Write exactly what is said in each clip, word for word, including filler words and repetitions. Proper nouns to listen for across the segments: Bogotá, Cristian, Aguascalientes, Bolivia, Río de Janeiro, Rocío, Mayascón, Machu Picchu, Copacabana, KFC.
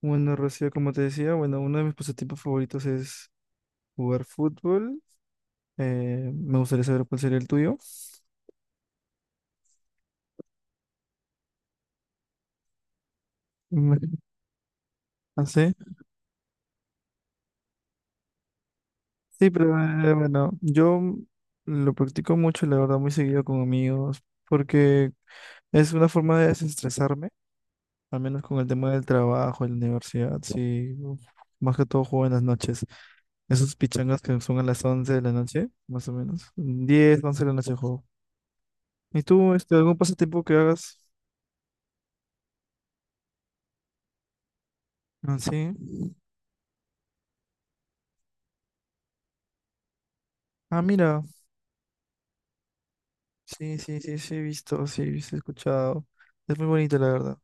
Bueno, Rocío, como te decía, bueno, uno de mis pasatiempos favoritos es jugar fútbol. Eh, me gustaría saber cuál sería el tuyo. Mm. No sé. Sí, pero eh, bueno, yo lo practico mucho, la verdad, muy seguido con amigos, porque es una forma de desestresarme, al menos con el tema del trabajo, en la universidad, sí. Uf. Más que todo juego en las noches. Esos pichangas que son a las once de la noche, más o menos. Diez once de la noche juego. ¿Y tú, este, algún pasatiempo que hagas? Ah, sí. Ah, mira. Sí, sí, sí, sí, he visto, sí, sí, he escuchado. Es muy bonito, la verdad.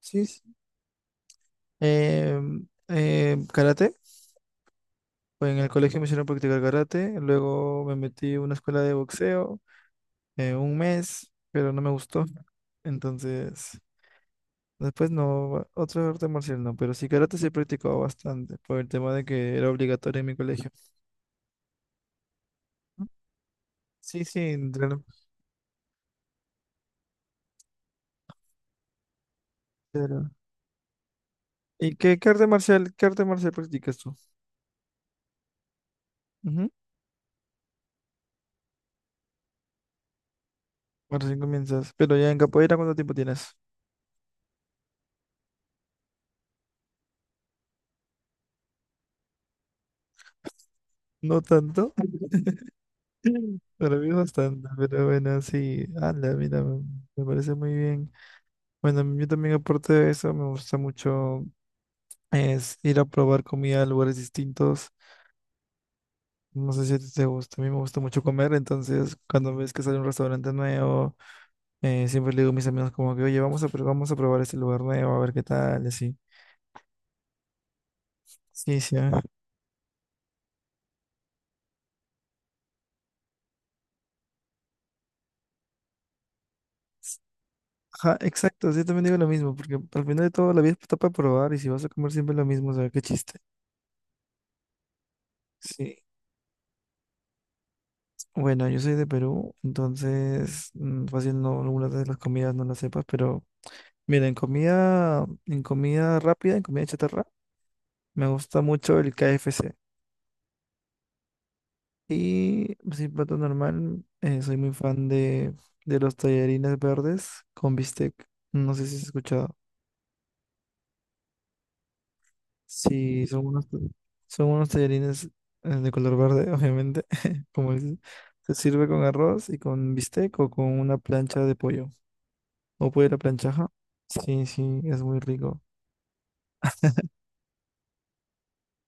Sí, sí. Em, em, karate. Pues en el colegio me hicieron practicar karate. Luego me metí a una escuela de boxeo eh, un mes, pero no me gustó. Entonces, después no, otro arte marcial no, pero sí karate sí he practicado bastante por el tema de que era obligatorio en mi colegio. Sí, sí, entre lo- pero- ¿Y qué, qué arte marcial, qué arte marcial practicas tú? Recién comienzas. Pero ya en capoeira, ¿cuánto tiempo tienes? No tanto. Para mí bastante, pero bueno, sí. Ala, mira, me me parece muy bien. Bueno, yo también aparte de eso, me gusta mucho es ir a probar comida a lugares distintos. No sé si a ti te gusta, a mí me gusta mucho comer, entonces cuando ves que sale un restaurante nuevo, eh, siempre le digo a mis amigos como que, oye, vamos a, pr- vamos a probar este lugar nuevo, a ver qué tal, y así. Sí, sí, a Ajá, exacto, sí, yo también digo lo mismo, porque al final de todo la vida está para probar y si vas a comer siempre lo mismo, o sea, qué chiste. Sí. Bueno, yo soy de Perú, entonces mm, fácil no, algunas de las comidas no las sepas, pero mira, en comida, en comida rápida, en comida chatarra, me gusta mucho el K F C. Y sin plato normal, eh, soy muy fan de, de los tallarines verdes con bistec. No sé si has escuchado. Sí, son unos, ta- son unos tallarines eh, de color verde, obviamente, como dices. Se sirve con arroz y con bistec o con una plancha de pollo. ¿O pollo a la planchaja? Sí, sí, es muy rico.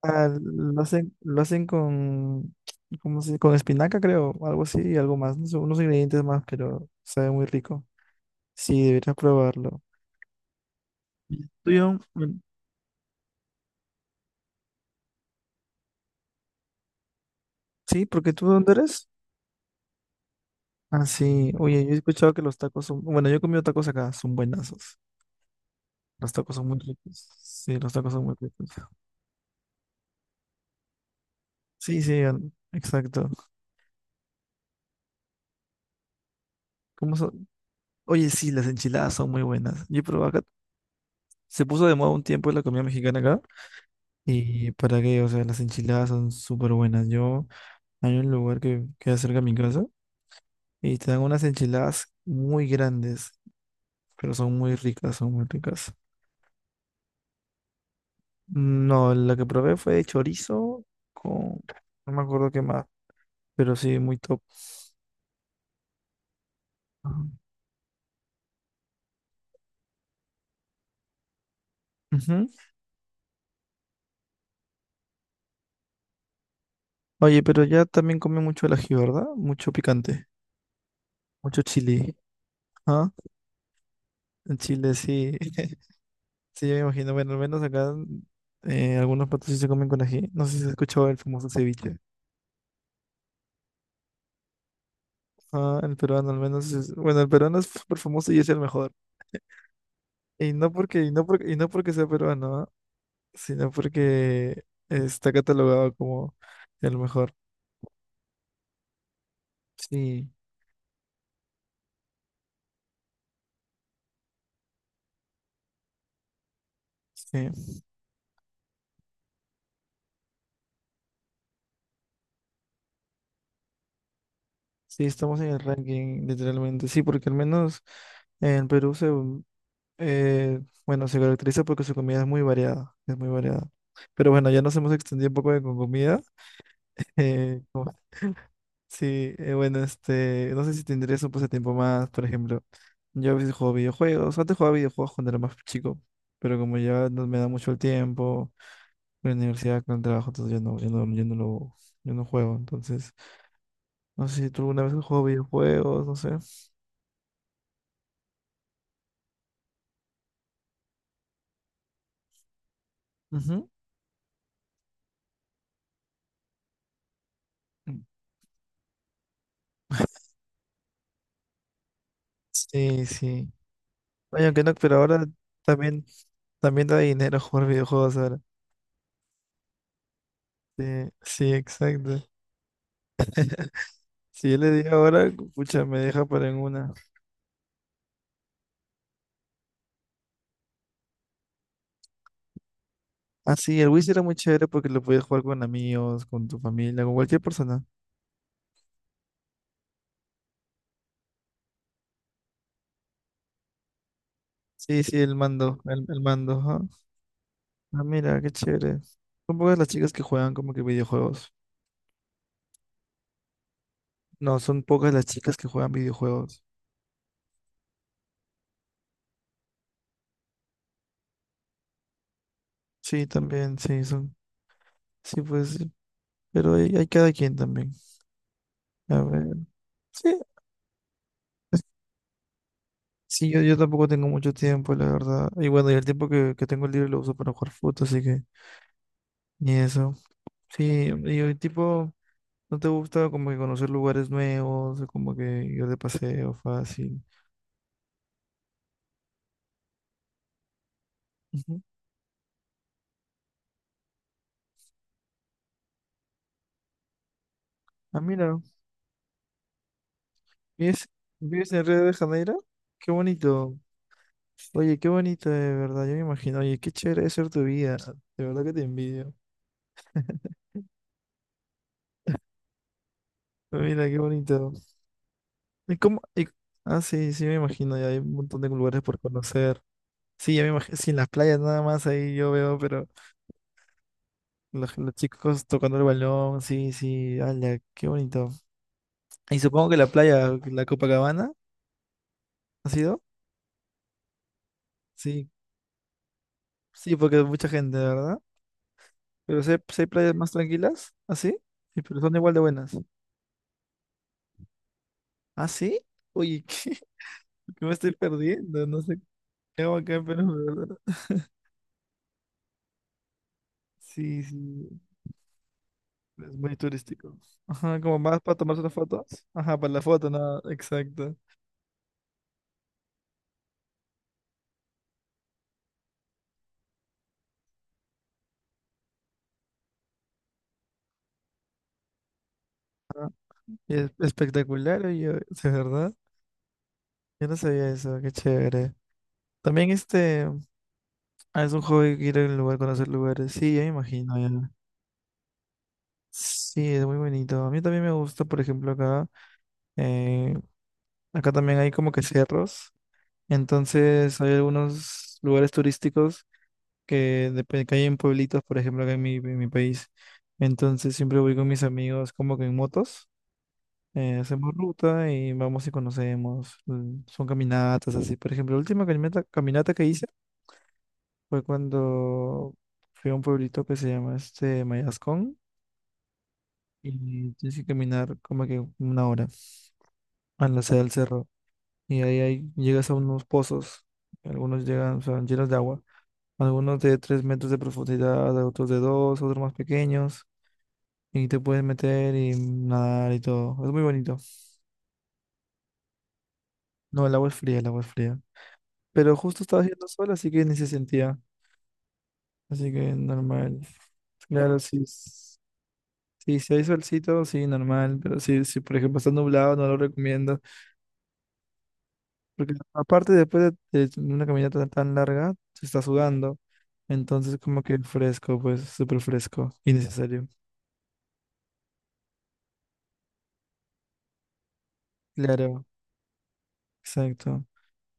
Ah, lo hacen, lo hacen con, ¿cómo se- dice? Con espinaca, creo, algo así y algo más. No sé, unos ingredientes más, pero sabe muy rico. Sí, deberías probarlo. ¿Y el tuyo? Bueno, sí, ¿porque tú dónde eres? Ah, sí. Oye, yo he escuchado que los tacos son. Bueno, yo he comido tacos acá, son buenazos. Los tacos son muy ricos. Sí, los tacos son muy ricos. Sí, sí, an- exacto. ¿Cómo son? Oye, sí, las enchiladas son muy buenas. Yo probé acá. Se puso de moda un tiempo la comida mexicana acá. Y para qué, o sea, las enchiladas son súper buenas. Yo, hay un lugar que queda cerca de mi casa y te dan unas enchiladas muy grandes, pero son muy ricas, son muy ricas. No, la que probé fue de chorizo con. No me acuerdo qué más, pero sí, muy top. Ajá. Ujú. Oye, pero ya también come mucho el ají, ¿verdad? Mucho picante, mucho chile. ¿Ah? En Chile sí, sí, yo me imagino. Bueno, al menos acá eh, algunos platos sí se comen con ají. No sé si has escuchado el famoso ceviche. Ah, el peruano al menos es. Bueno, el peruano es súper famoso y es el mejor. Y no porque, y no porque, y no porque sea peruano, ¿ah? Sino porque está catalogado como el mejor. Sí, sí, sí, estamos en el ranking, literalmente. Sí, porque al menos en Perú se Eh, bueno, se caracteriza porque su comida es muy variada, es muy variada. Pero bueno, ya nos hemos extendido un poco de con comida. Eh, sí, eh, bueno, este, no sé si te interesa un pasatiempo más, por ejemplo. Yo a veces juego videojuegos, antes jugaba videojuegos cuando era más chico, pero como ya no me da mucho el tiempo, con la universidad, con el trabajo, entonces ya no, ya no, ya no lo, yo no juego. Entonces, no sé si tú alguna vez has jugado videojuegos, no sé. Ujú. Sí, sí. Oye, aunque no, pero ahora también, también da dinero jugar videojuegos ahora. Sí, sí, exacto. Si yo le digo ahora, pucha, me deja para en una. Ah, sí, el Wiz era muy chévere porque lo podías jugar con amigos, con tu familia, con cualquier persona. Sí, sí, el mando, el, el mando, ajá. Ah, mira, qué chévere. Son pocas las chicas que juegan como que videojuegos. No, son pocas las chicas que juegan videojuegos. Sí, también, sí, son. Sí, pues, sí. Pero hay, hay cada quien también. A ver. Sí. Sí, yo, yo tampoco tengo mucho tiempo, la verdad. Y bueno, y el tiempo que, que tengo libre lo uso para jugar fútbol, así que ni eso. Sí, y el tipo, ¿no te gusta como que conocer lugares nuevos, o como que ir de paseo fácil? Ujú. Ah, mira, ¿vives, vives en Río de Janeiro? Qué bonito. Oye, qué bonito, de verdad. Yo me imagino, oye, qué chévere es ser tu vida. De verdad que te envidio. Mira, qué bonito. ¿Y cómo? Y ah, sí, sí, me imagino, ya hay un montón de lugares por conocer. Sí, ya me imagino, sí, en las playas nada más ahí yo veo, pero los, los chicos tocando el balón, sí, sí, ala, qué bonito. Y supongo que la playa, la Copacabana, ¿ha sido? Sí, sí, porque hay mucha gente, ¿verdad? Pero sí, hay sí hay playas más tranquilas, ¿así? Sí, sí, pero son igual de buenas. ¿Ah, sí? Oye, ¿qué? ¿Qué me estoy perdiendo? No sé qué hago acá en Perú, ¿verdad? Sí, sí, es muy turístico. Ajá, como más para tomarse las fotos. Ajá, para la foto, nada, exacto. Y es espectacular, oye, ¿de verdad? Yo no sabía eso, qué chévere. También este, ah, es un hobby ir a un lugar, conocer lugares. Sí, ya me imagino, ya. Sí, es muy bonito. A mí también me gusta, por ejemplo, acá, eh, acá también hay como que cerros. Entonces hay algunos lugares turísticos que, dep- que hay en pueblitos, por ejemplo, acá en mi, en mi país. Entonces siempre voy con mis amigos como que en motos. Eh, hacemos ruta y vamos y conocemos. mm, Son caminatas así. Por ejemplo, la última caminata, caminata que hice fue cuando fui a un pueblito que se llama este Mayascón y tienes que caminar como que una hora a la sede del cerro. Y ahí, ahí llegas a unos pozos, algunos llegan, son llenos de agua, algunos de tres metros de profundidad, otros de dos, otros más pequeños. Y te puedes meter y nadar y todo. Es muy bonito. No, el agua es fría, el agua es fría. Pero justo estaba haciendo sol, así que ni se sentía. Así que normal. Claro, sí. Sí, si hay solcito, sí, normal, pero si, si, por ejemplo está nublado, no lo recomiendo, porque aparte después de, de una caminata tan, tan larga, se está sudando, entonces como que fresco, pues súper fresco, innecesario. Claro, exacto.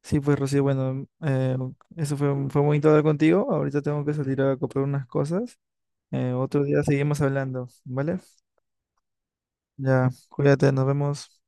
Sí, pues Rocío, bueno, eh, eso fue, fue bonito hablar contigo, ahorita tengo que salir a comprar unas cosas, eh, otro día seguimos hablando, ¿vale? Ya, cuídate, nos vemos.